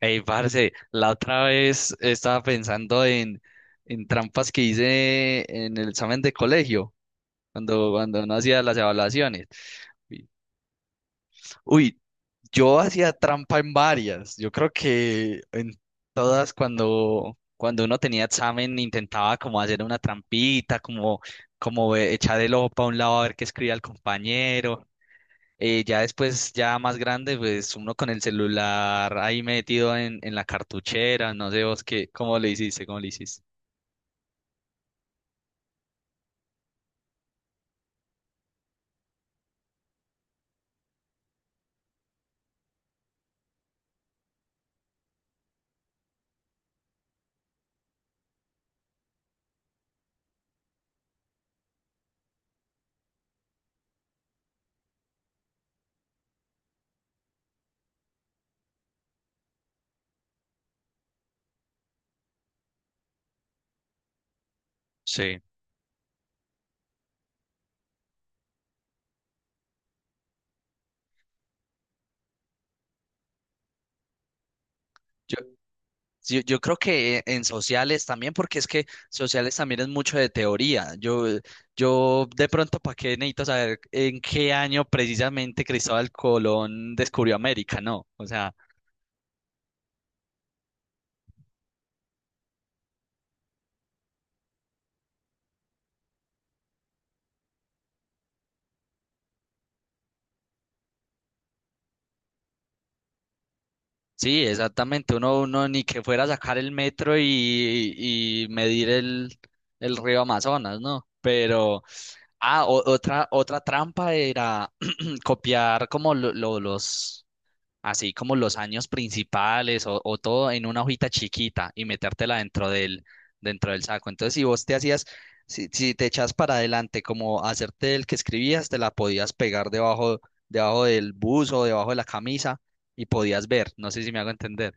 Ey, parce, la otra vez estaba pensando en trampas que hice en el examen de colegio, cuando no hacía las evaluaciones. Y- Uy, yo hacía trampa en varias. Yo creo que en todas cuando uno tenía examen intentaba como hacer una trampita, como echar el ojo para un lado a ver qué escribía el compañero. Ya después, ya más grande, pues uno con el celular ahí metido en la cartuchera, no sé vos qué, cómo le hiciste, cómo le hiciste. Sí, yo, yo creo que en sociales también, porque es que sociales también es mucho de teoría. Yo de pronto, ¿para qué necesito saber en qué año precisamente Cristóbal Colón descubrió América? No, o sea, sí, exactamente. Uno ni que fuera a sacar el metro y medir el río Amazonas, ¿no? Pero... Ah, otra trampa era copiar como los, así como los años principales o todo en una hojita chiquita y metértela dentro dentro del saco. Entonces, si vos te hacías, si te echas para adelante, como hacerte el que escribías, te la podías pegar debajo, debajo del buzo, debajo de la camisa y podías ver. No sé si me hago entender.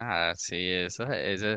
Ah, sí, eso, eso.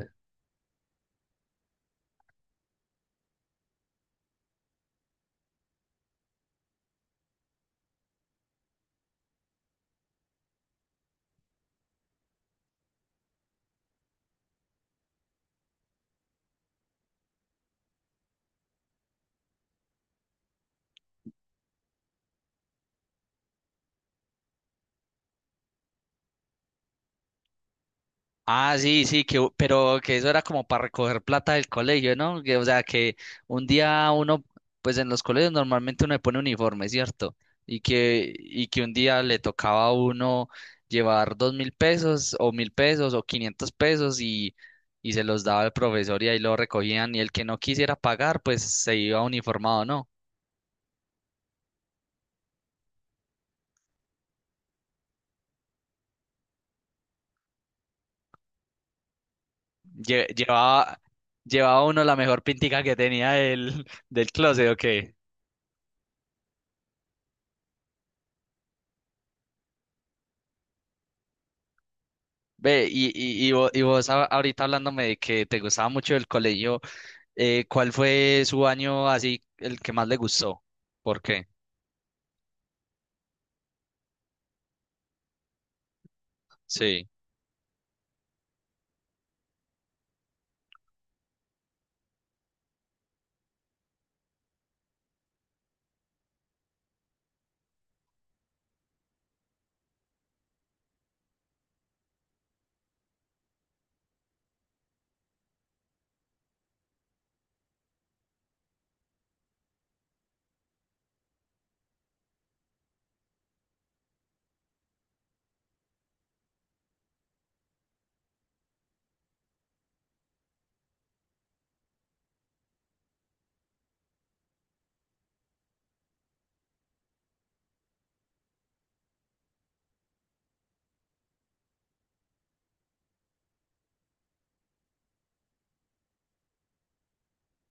Ah, sí, sí, que, pero que eso era como para recoger plata del colegio, ¿no? Que, o sea, que un día uno, pues en los colegios normalmente uno le pone uniforme, ¿cierto? Y que un día le tocaba a uno llevar 2000 pesos o 1000 pesos o 500 pesos y se los daba el profesor y ahí lo recogían y el que no quisiera pagar, pues se iba uniformado, ¿no? Lle- llevaba, Llevaba uno la mejor pintica que tenía del closet, ¿o qué? Ve, Y vos, ahorita hablándome de que te gustaba mucho el colegio, ¿cuál fue su año así el que más le gustó? ¿Por qué? Sí.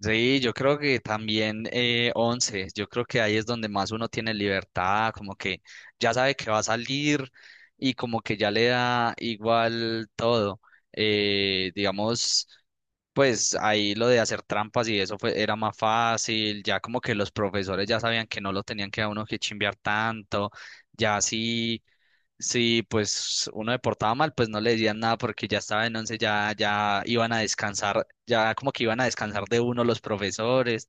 Sí, yo creo que también 11, yo creo que ahí es donde más uno tiene libertad, como que ya sabe que va a salir y como que ya le da igual todo. Eh, digamos, pues ahí lo de hacer trampas y eso era más fácil, ya como que los profesores ya sabían que no lo tenían que a uno que chimbear tanto, ya sí. Sí, pues uno deportaba mal, pues no le decían nada porque ya estaba en 11, ya iban a descansar, ya como que iban a descansar de uno los profesores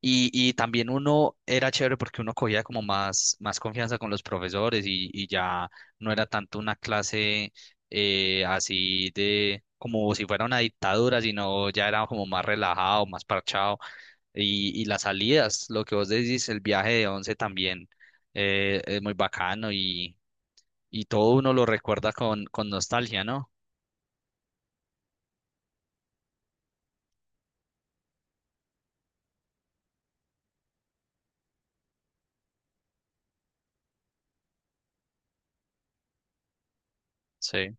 y también uno era chévere porque uno cogía como más confianza con los profesores y ya no era tanto una clase así de como si fuera una dictadura, sino ya era como más relajado, más parchado y las salidas, lo que vos decís, el viaje de 11 también es muy bacano y todo uno lo recuerda con nostalgia, ¿no? Sí.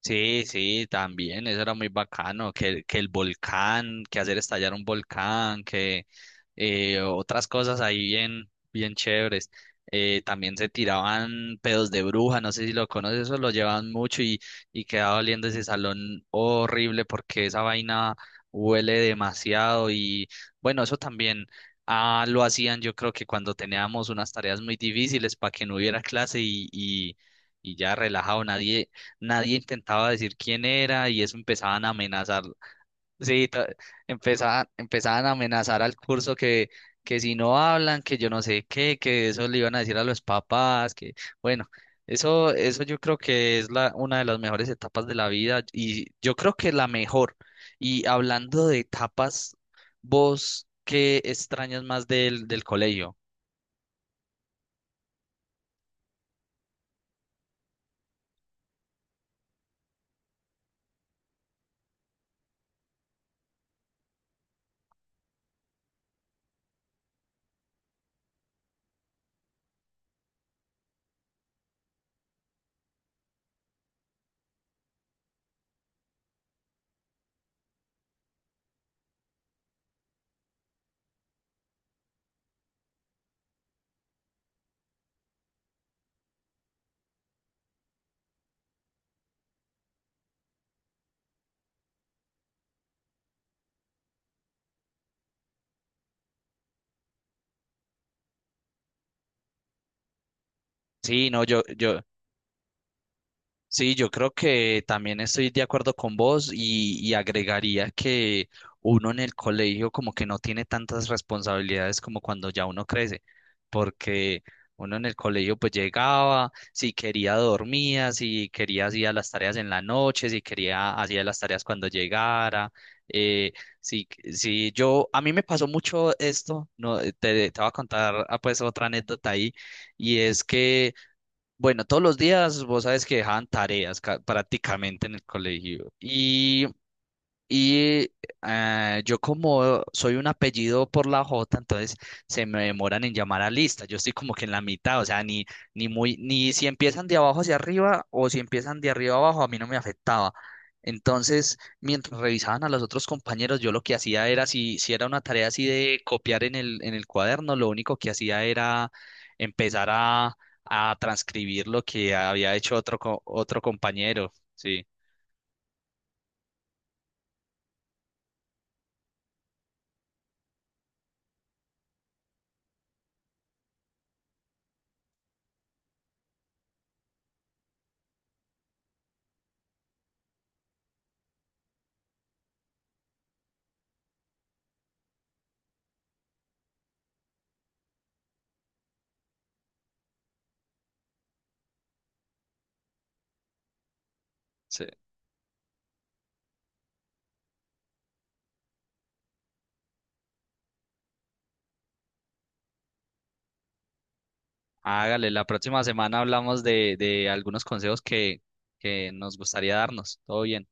Sí, sí, también, eso era muy bacano, que el volcán, que hacer estallar un volcán, que otras cosas ahí bien, bien chéveres. También se tiraban pedos de bruja, no sé si lo conoces, eso lo llevaban mucho y quedaba oliendo ese salón horrible porque esa vaina huele demasiado y bueno, eso también ah, lo hacían yo creo que cuando teníamos unas tareas muy difíciles para que no hubiera clase y ya relajado, nadie intentaba decir quién era y eso empezaban a amenazar. Sí, empezaban, empezaban a amenazar al curso que si no hablan, que yo no sé qué, que eso le iban a decir a los papás, que bueno, eso yo creo que es la, una de las mejores etapas de la vida y yo creo que la mejor. Y hablando de etapas, ¿vos qué extrañas más del colegio? Sí, no, yo, yo. Sí, yo creo que también estoy de acuerdo con vos y agregaría que uno en el colegio como que no tiene tantas responsabilidades como cuando ya uno crece, porque uno en el colegio pues llegaba, si quería dormía, si quería hacía las tareas en la noche, si quería hacía las tareas cuando llegara, eh, si, si yo, a mí me pasó mucho esto, no, te voy a contar ah, pues otra anécdota ahí, y es que... Bueno, todos los días vos sabes que dejaban tareas prácticamente en el colegio. Y yo como soy un apellido por la J, entonces se me demoran en llamar a lista. Yo estoy como que en la mitad, o sea, ni muy, ni si empiezan de abajo hacia arriba o si empiezan de arriba abajo, a mí no me afectaba. Entonces, mientras revisaban a los otros compañeros, yo lo que hacía era, si era una tarea así de copiar en el cuaderno, lo único que hacía era empezar a transcribir lo que había hecho otro, otro compañero. Sí, sí. Hágale, la próxima semana hablamos de algunos consejos que nos gustaría darnos. Todo bien.